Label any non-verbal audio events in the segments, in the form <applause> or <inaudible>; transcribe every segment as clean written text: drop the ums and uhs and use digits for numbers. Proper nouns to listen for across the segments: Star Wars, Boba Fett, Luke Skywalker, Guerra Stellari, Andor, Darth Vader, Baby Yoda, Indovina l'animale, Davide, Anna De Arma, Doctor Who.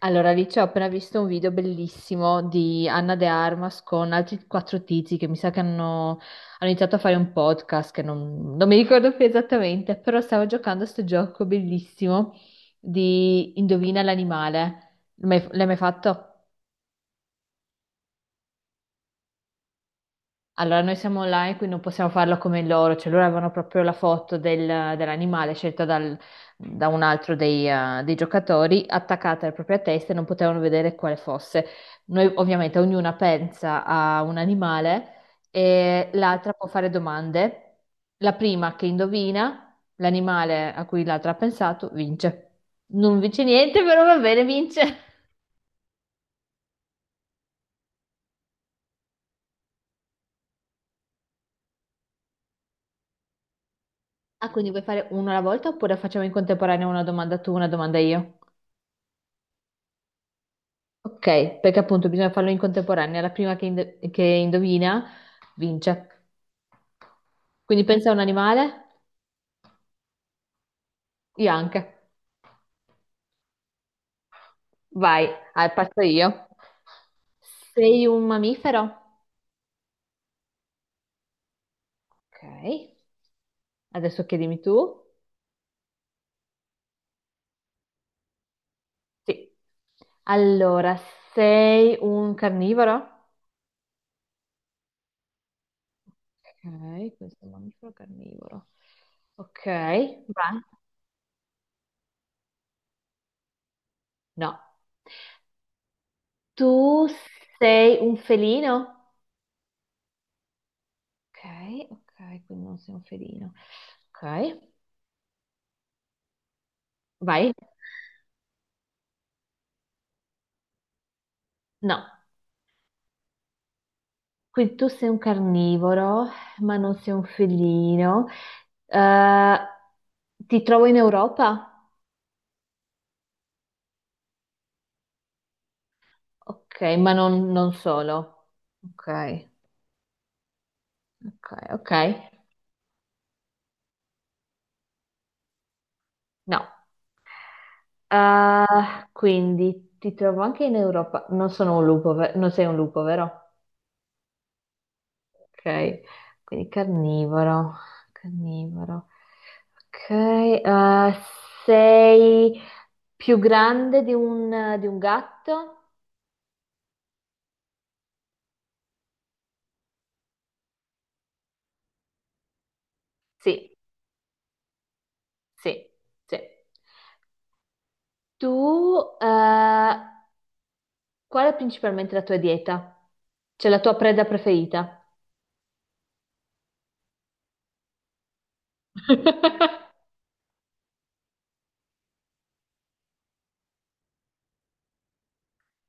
Allora, lì ci ho appena visto un video bellissimo di Anna De Armas con altri quattro tizi che mi sa che hanno iniziato a fare un podcast che non mi ricordo più esattamente, però stavo giocando a sto gioco bellissimo di Indovina l'animale. L'hai mai fatto? Allora, noi siamo online, quindi non possiamo farlo come loro, cioè loro avevano proprio la foto dell'animale scelta da un altro dei giocatori attaccata alla propria testa e non potevano vedere quale fosse. Noi ovviamente ognuna pensa a un animale e l'altra può fare domande. La prima che indovina l'animale a cui l'altra ha pensato vince. Non vince niente, però va bene, vince. Ah, quindi vuoi fare uno alla volta oppure facciamo in contemporanea una domanda tu, una domanda io? Ok, perché appunto bisogna farlo in contemporanea. La prima che indovina vince. Quindi pensa a un animale, io anche. Vai, ah, parto io. Sei un mammifero? Ok, adesso chiedimi tu. Sì. Allora, sei un carnivoro? Ok, questo è un mammifero carnivoro. Ok, vai. No. Tu sei un felino? Ok, ok, quindi non sei un felino. Ok, vai. No, quindi tu sei un carnivoro, ma non sei un felino. Eh, ti trovo in Europa? Ok, ma non solo. Ok, ok, ok. No. Quindi ti trovo anche in Europa. Non sono un lupo, non sei un lupo, vero? Ok, quindi carnivoro, carnivoro. Ok, sei più grande di un gatto? Sì, sì, sì. Tu, eh, qual è principalmente la tua dieta? Cioè la tua preda preferita? <laughs>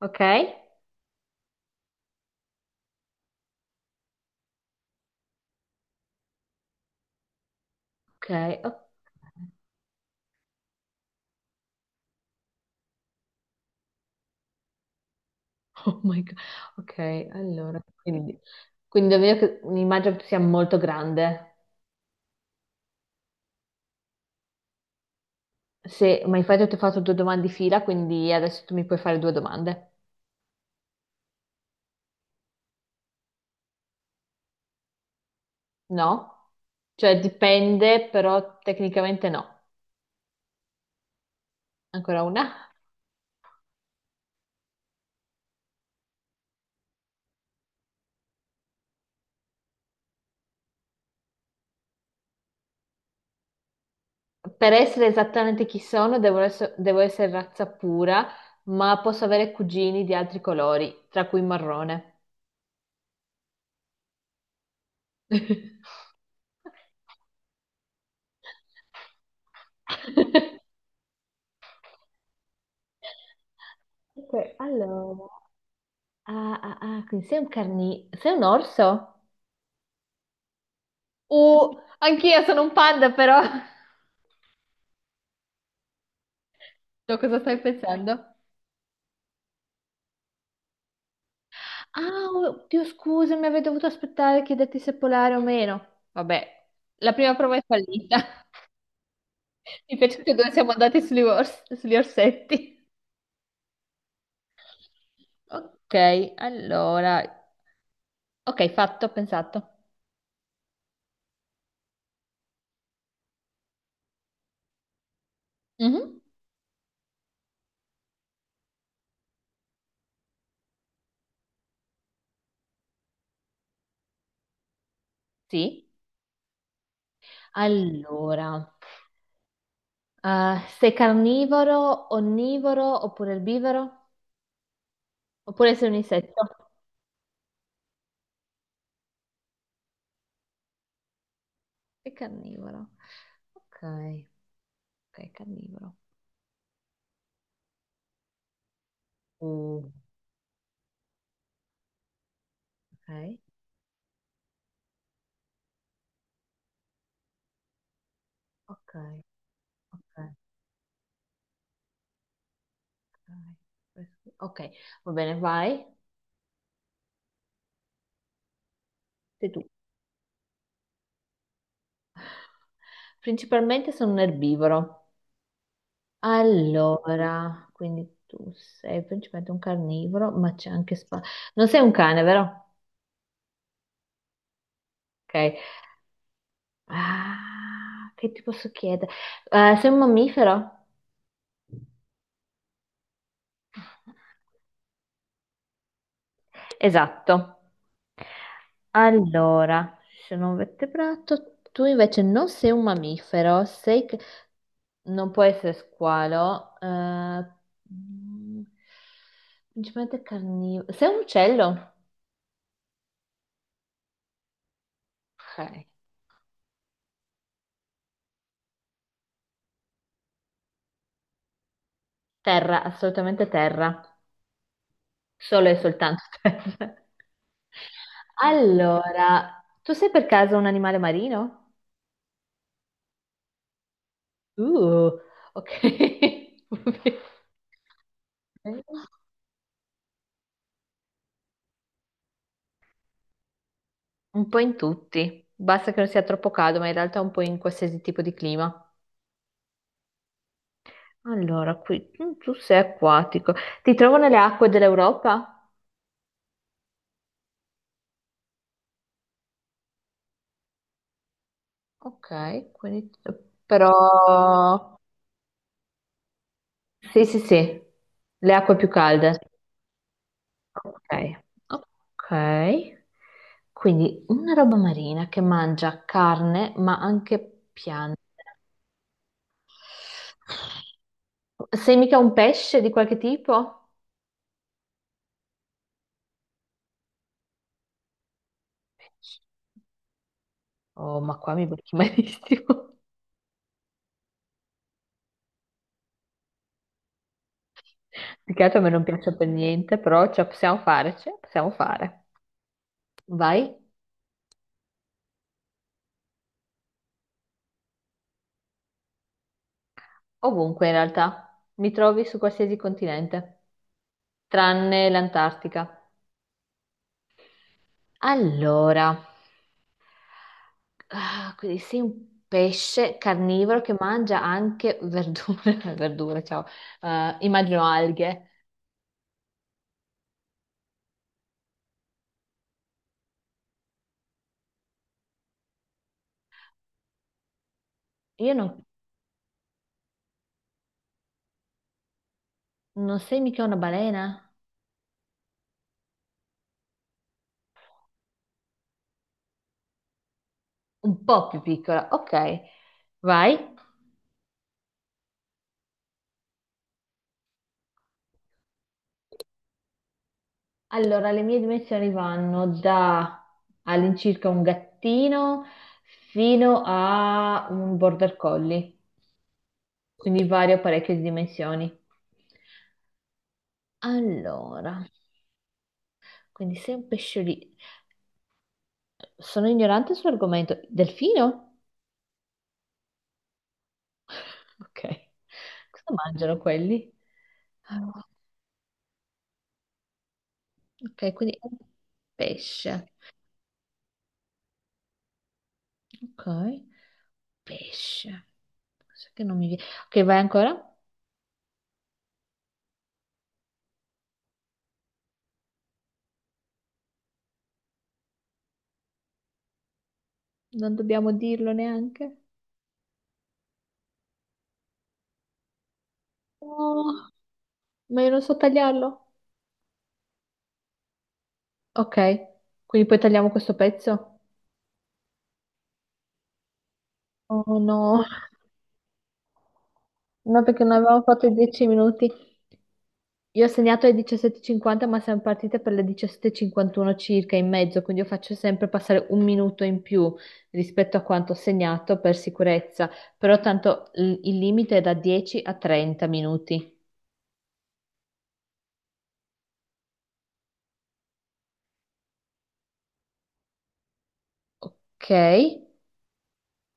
Ok, ok, ok. <laughs> Oh my God. Ok, allora, quindi davvero immagino che tu sia molto grande. Se, ma infatti ti ho fatto due domande di fila, quindi adesso tu mi puoi fare due domande. No? Cioè dipende, però tecnicamente no. Ancora una. Per essere esattamente chi sono, devo essere razza pura, ma posso avere cugini di altri colori, tra cui marrone. <laughs> Ok, allora. Ah, ah, ah, quindi sei un sei un orso? Anch'io sono un panda, però. No, cosa stai pensando? Ah, oddio, scusami, avrei dovuto aspettare che detti se polare o meno. Vabbè, la prima prova è fallita. <laughs> Mi piace che dove siamo andati sugli orsetti. Ok, allora. Ok, fatto, ho pensato. Mhm. Sì. Allora, sei carnivoro, onnivoro oppure erbivoro? Oppure sei un insetto? Sei carnivoro. Ok, ok, carnivoro. Mm. Ok, ok. Ok, va bene, vai. Sei tu. Principalmente sono un erbivoro. Allora, quindi tu sei principalmente un carnivoro, ma c'è anche spa. Non sei un cane, vero? Ok. Ah, che ti posso chiedere? Sei un mammifero? Esatto. Allora, sono un vertebrato. Tu invece non sei un mammifero, sei. Non può essere squalo. Mm, Principalmente carnivoro. Sei un uccello? Ok. Terra, assolutamente terra. Solo e soltanto <laughs> terra. Allora, tu sei per caso un animale marino? Uh, ok. <laughs> Un po' in tutti. Basta che non sia troppo caldo, ma in realtà un po' in qualsiasi tipo di clima. Allora, qui tu sei acquatico. Ti trovo nelle acque dell'Europa? Ok, quindi. Però. Sì, sì, sì, le acque più calde. Ok. Ok. Quindi una roba marina che mangia carne, ma anche piante. Sei mica un pesce di qualche tipo? Pesce. Oh, ma qua mi becchi malissimo. <laughs> Più che altro a me non piace per niente, però ce la possiamo fare, ce la possiamo fare. Vai ovunque in realtà. Mi trovi su qualsiasi continente, tranne l'Antartica. Allora, ah, quindi sei un pesce carnivoro che mangia anche verdure, <laughs> verdure, ciao. Immagino alghe. Io non, non sei mica una balena? Un po' più piccola, ok, vai. Allora, le mie dimensioni vanno da all'incirca un gattino fino a un border collie, quindi vario parecchie dimensioni. Allora, quindi sei un pesciolino. Sono ignorante sull'argomento. Delfino? Ok. Cosa mangiano quelli? Ah. Ok, quindi è un pesce. Ok. Pesce. Cos'è che non mi viene? Ok, vai ancora? Non dobbiamo dirlo neanche. Oh, ma io non so tagliarlo. Ok, quindi poi tagliamo questo pezzo? Oh no. No, perché ne avevamo fatto 10 minuti. Io ho segnato alle 17:50, ma siamo partite per le 17:51 circa in mezzo, quindi io faccio sempre passare un minuto in più rispetto a quanto ho segnato per sicurezza, però tanto il limite è da 10 a 30 minuti. Ok,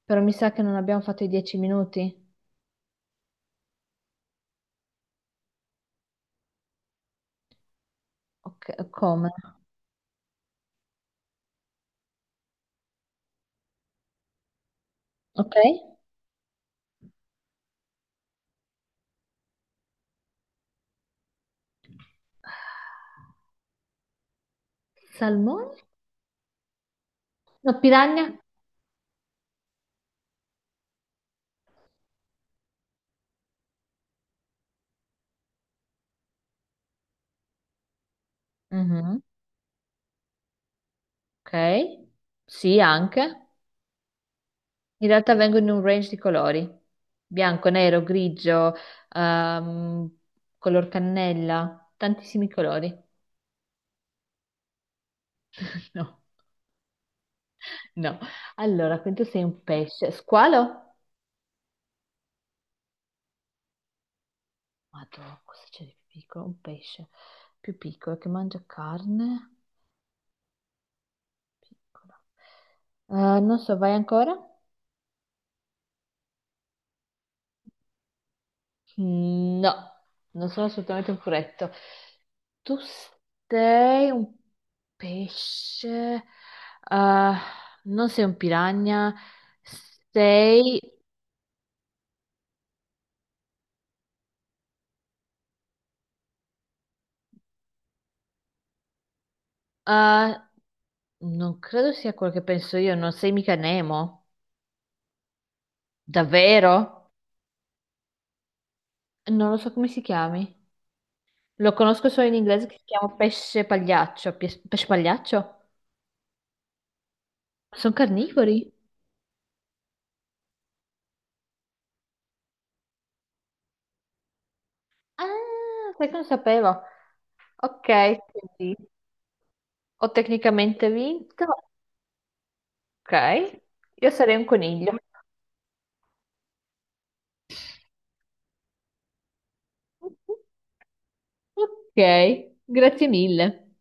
però mi sa che non abbiamo fatto i 10 minuti. Ok, come? Ok. Salmone? No, piranha? Mhm. Ok. Sì, anche. In realtà vengono in un range di colori, bianco, nero, grigio, ehm, color cannella, tantissimi colori. <laughs> No, no. Allora, quindi tu sei un pesce. Squalo? Madonna, cosa c'è di più piccolo? Un pesce più piccolo che mangia carne. Piccolo. Non so, vai ancora? No, non sono assolutamente un furetto. Tu sei un pesce, eh, non sei un piranha, sei. Eh, non credo sia quello che penso io, non sei mica Nemo. Davvero? Non lo so come si chiami. Lo conosco solo in inglese che si chiama pesce pagliaccio. Pesce pagliaccio? Sono carnivori? Ah, sai che non sapevo. Ok, quindi ho tecnicamente vinto. Ok, io sarei un coniglio. <laughs> Ok, grazie mille.